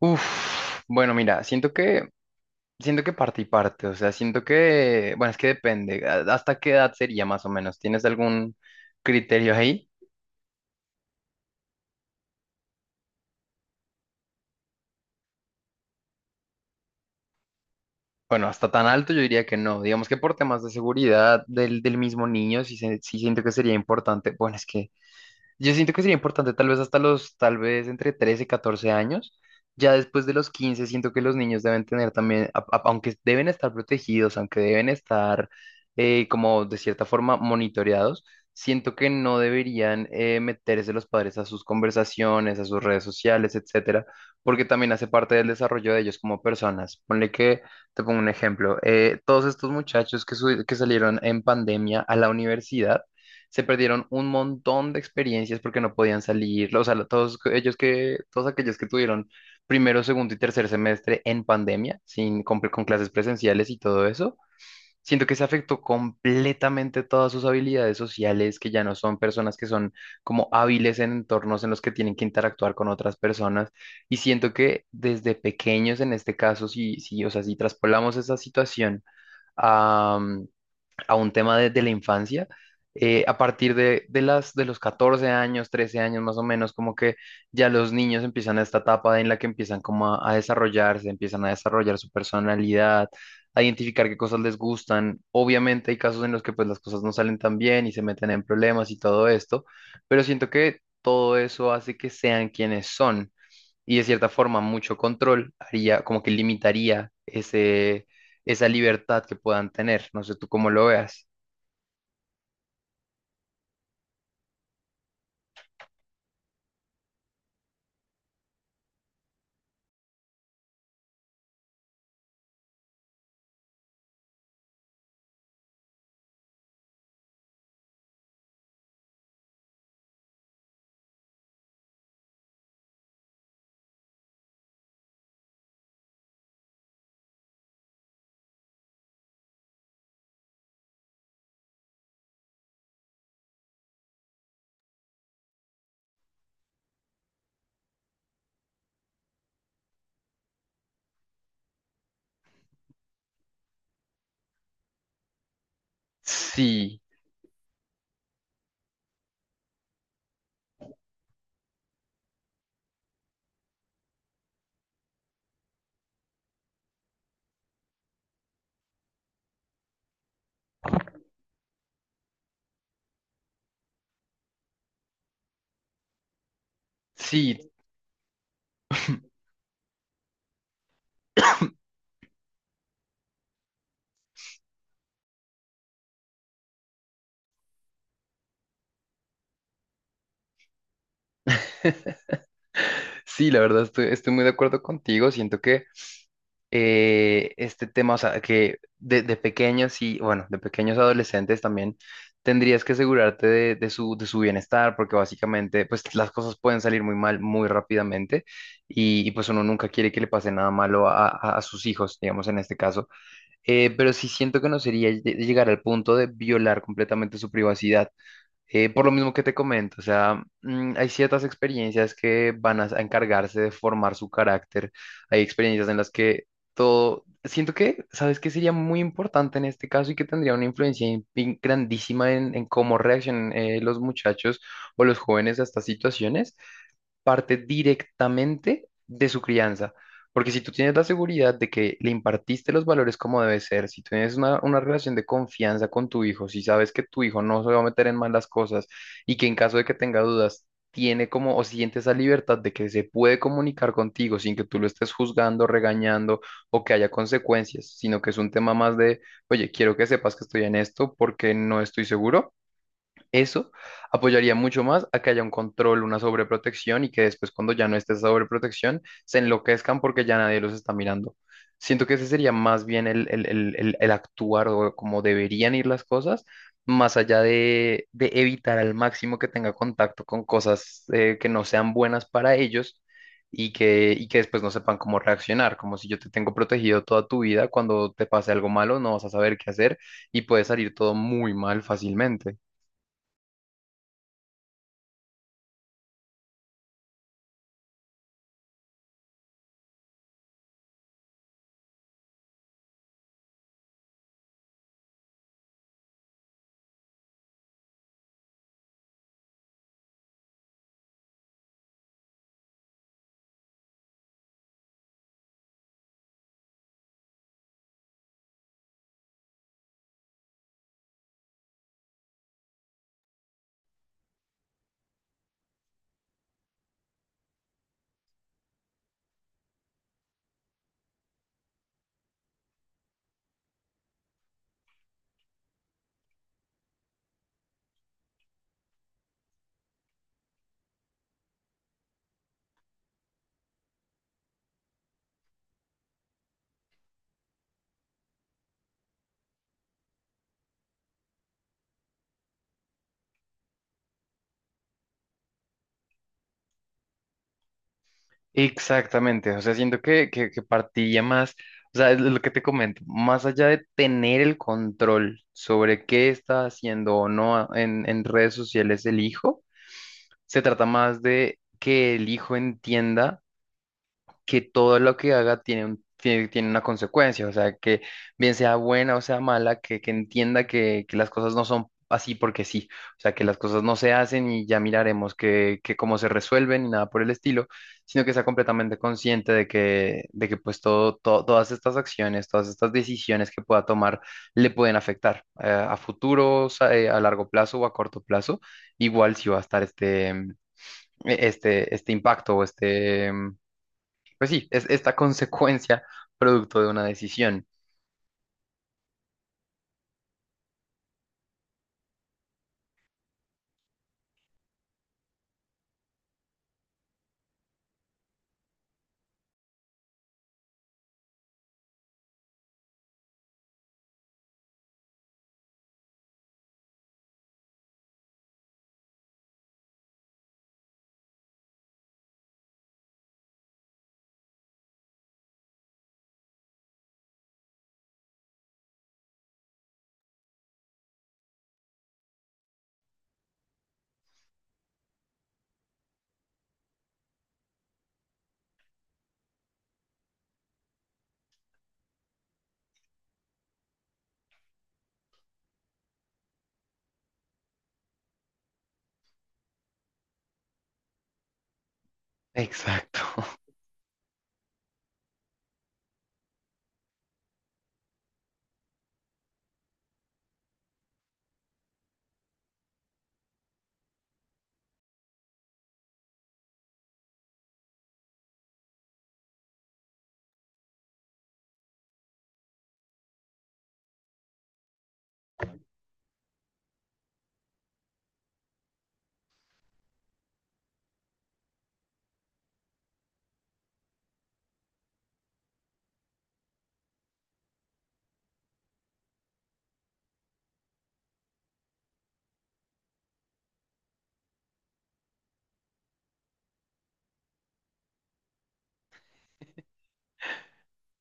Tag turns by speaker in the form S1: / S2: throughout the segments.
S1: Uf, bueno, mira, siento que parte y parte, o sea, siento que, bueno, es que depende, ¿hasta qué edad sería más o menos? ¿Tienes algún criterio ahí? Bueno, hasta tan alto yo diría que no, digamos que por temas de seguridad del mismo niño, sí siento que sería importante, bueno, es que yo siento que sería importante tal vez tal vez entre 13 y 14 años. Ya después de los 15 siento que los niños deben tener también, aunque deben estar protegidos, aunque deben estar como de cierta forma monitoreados, siento que no deberían meterse los padres a sus conversaciones, a sus redes sociales, etcétera, porque también hace parte del desarrollo de ellos como personas. Ponle que, te pongo un ejemplo, todos estos muchachos que salieron en pandemia a la universidad, se perdieron un montón de experiencias porque no podían salir, o sea, todos aquellos que tuvieron primero, segundo y tercer semestre en pandemia, sin, con clases presenciales y todo eso, siento que se afectó completamente todas sus habilidades sociales, que ya no son personas que son como hábiles en entornos en los que tienen que interactuar con otras personas, y siento que desde pequeños en este caso, sí, sí, o sea, si traspolamos esa situación a un tema de la infancia. A partir de los 14 años, 13 años más o menos, como que ya los niños empiezan a esta etapa en la que empiezan como a desarrollarse, empiezan a desarrollar su personalidad, a identificar qué cosas les gustan. Obviamente hay casos en los que pues las cosas no salen tan bien y se meten en problemas y todo esto, pero siento que todo eso hace que sean quienes son y de cierta forma mucho control haría, como que limitaría esa libertad que puedan tener. No sé tú cómo lo veas. Sí, sí. Sí, la verdad estoy muy de acuerdo contigo. Siento que este tema, o sea, que de pequeños y, bueno, de pequeños adolescentes también tendrías que asegurarte de su bienestar, porque básicamente, pues las cosas pueden salir muy mal muy rápidamente y, pues uno nunca quiere que le pase nada malo a sus hijos, digamos, en este caso. Pero sí siento que no sería llegar al punto de violar completamente su privacidad. Por lo mismo que te comento, o sea, hay ciertas experiencias que van a encargarse de formar su carácter. Hay experiencias en las que todo, siento que, ¿sabes qué sería muy importante en este caso y que tendría una influencia grandísima en cómo reaccionan los muchachos o los jóvenes a estas situaciones? Parte directamente de su crianza. Porque si tú tienes la seguridad de que le impartiste los valores como debe ser, si tienes una relación de confianza con tu hijo, si sabes que tu hijo no se va a meter en malas cosas y que en caso de que tenga dudas, tiene como o siente esa libertad de que se puede comunicar contigo sin que tú lo estés juzgando, regañando o que haya consecuencias, sino que es un tema más de, oye, quiero que sepas que estoy en esto porque no estoy seguro. Eso apoyaría mucho más a que haya un control, una sobreprotección y que después cuando ya no esté esa sobreprotección se enloquezcan porque ya nadie los está mirando. Siento que ese sería más bien el actuar o como deberían ir las cosas, más allá de evitar al máximo que tenga contacto con cosas que no sean buenas para ellos y que después no sepan cómo reaccionar, como si yo te tengo protegido toda tu vida, cuando te pase algo malo no vas a saber qué hacer y puede salir todo muy mal fácilmente. Exactamente, o sea, siento que partía más, o sea, es lo que te comento, más allá de tener el control sobre qué está haciendo o no en redes sociales el hijo, se trata más de que el hijo entienda que todo lo que haga tiene una consecuencia, o sea, que bien sea buena o sea mala, que entienda que las cosas no son así porque sí, o sea, que las cosas no se hacen y ya miraremos que cómo se resuelven y nada por el estilo, sino que sea completamente consciente de que pues todas estas acciones, todas estas decisiones que pueda tomar le pueden afectar a futuro, o sea, a largo plazo o a corto plazo, igual si va a estar este impacto o pues sí, es esta consecuencia producto de una decisión. Exacto.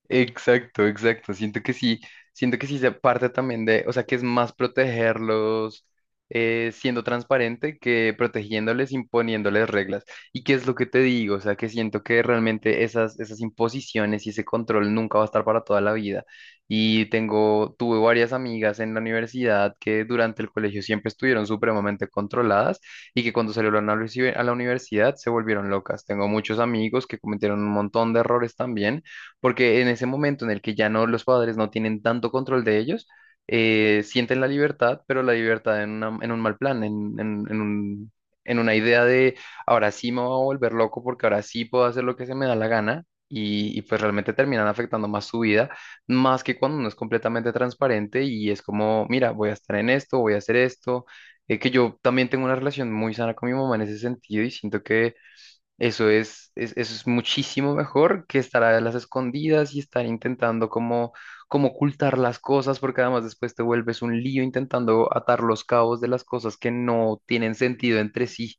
S1: Exacto, exacto. Siento que sí se parte también de, o sea, que es más protegerlos siendo transparente que protegiéndoles, imponiéndoles reglas. ¿Y qué es lo que te digo? O sea, que siento que realmente esas, esas imposiciones y ese control nunca va a estar para toda la vida. Y tengo, tuve varias amigas en la universidad que durante el colegio siempre estuvieron supremamente controladas y que cuando salieron a la universidad se volvieron locas. Tengo muchos amigos que cometieron un montón de errores también porque en ese momento en el que ya no los padres no tienen tanto control de ellos, sienten la libertad, pero la libertad en un mal plan, en una idea de ahora sí me voy a volver loco porque ahora sí puedo hacer lo que se me da la gana. Y pues realmente terminan afectando más su vida, más que cuando uno es completamente transparente y es como, mira, voy a estar en esto, voy a hacer esto, que yo también tengo una relación muy sana con mi mamá en ese sentido y siento que eso eso es muchísimo mejor que estar a las escondidas y estar intentando como, como ocultar las cosas, porque además después te vuelves un lío intentando atar los cabos de las cosas que no tienen sentido entre sí.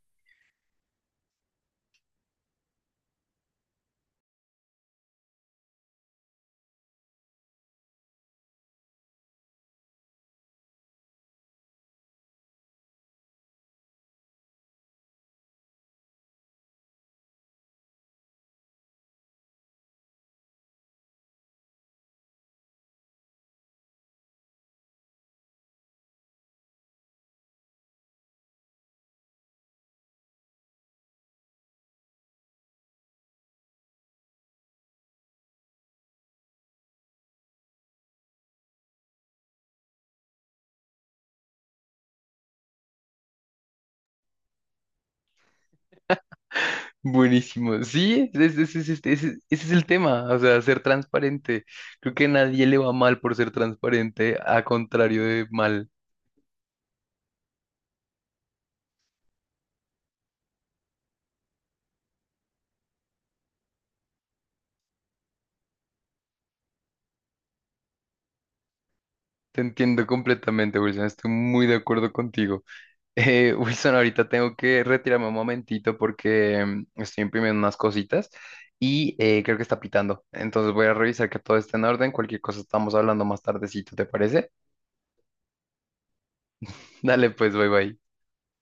S1: Buenísimo. Sí, ese es el tema, o sea, ser transparente. Creo que nadie le va mal por ser transparente, a contrario de mal. Te entiendo completamente, Wilson, estoy muy de acuerdo contigo. Wilson, ahorita tengo que retirarme un momentito porque estoy imprimiendo unas cositas y creo que está pitando. Entonces voy a revisar que todo esté en orden. Cualquier cosa estamos hablando más tardecito, ¿te parece? Dale, pues, bye bye.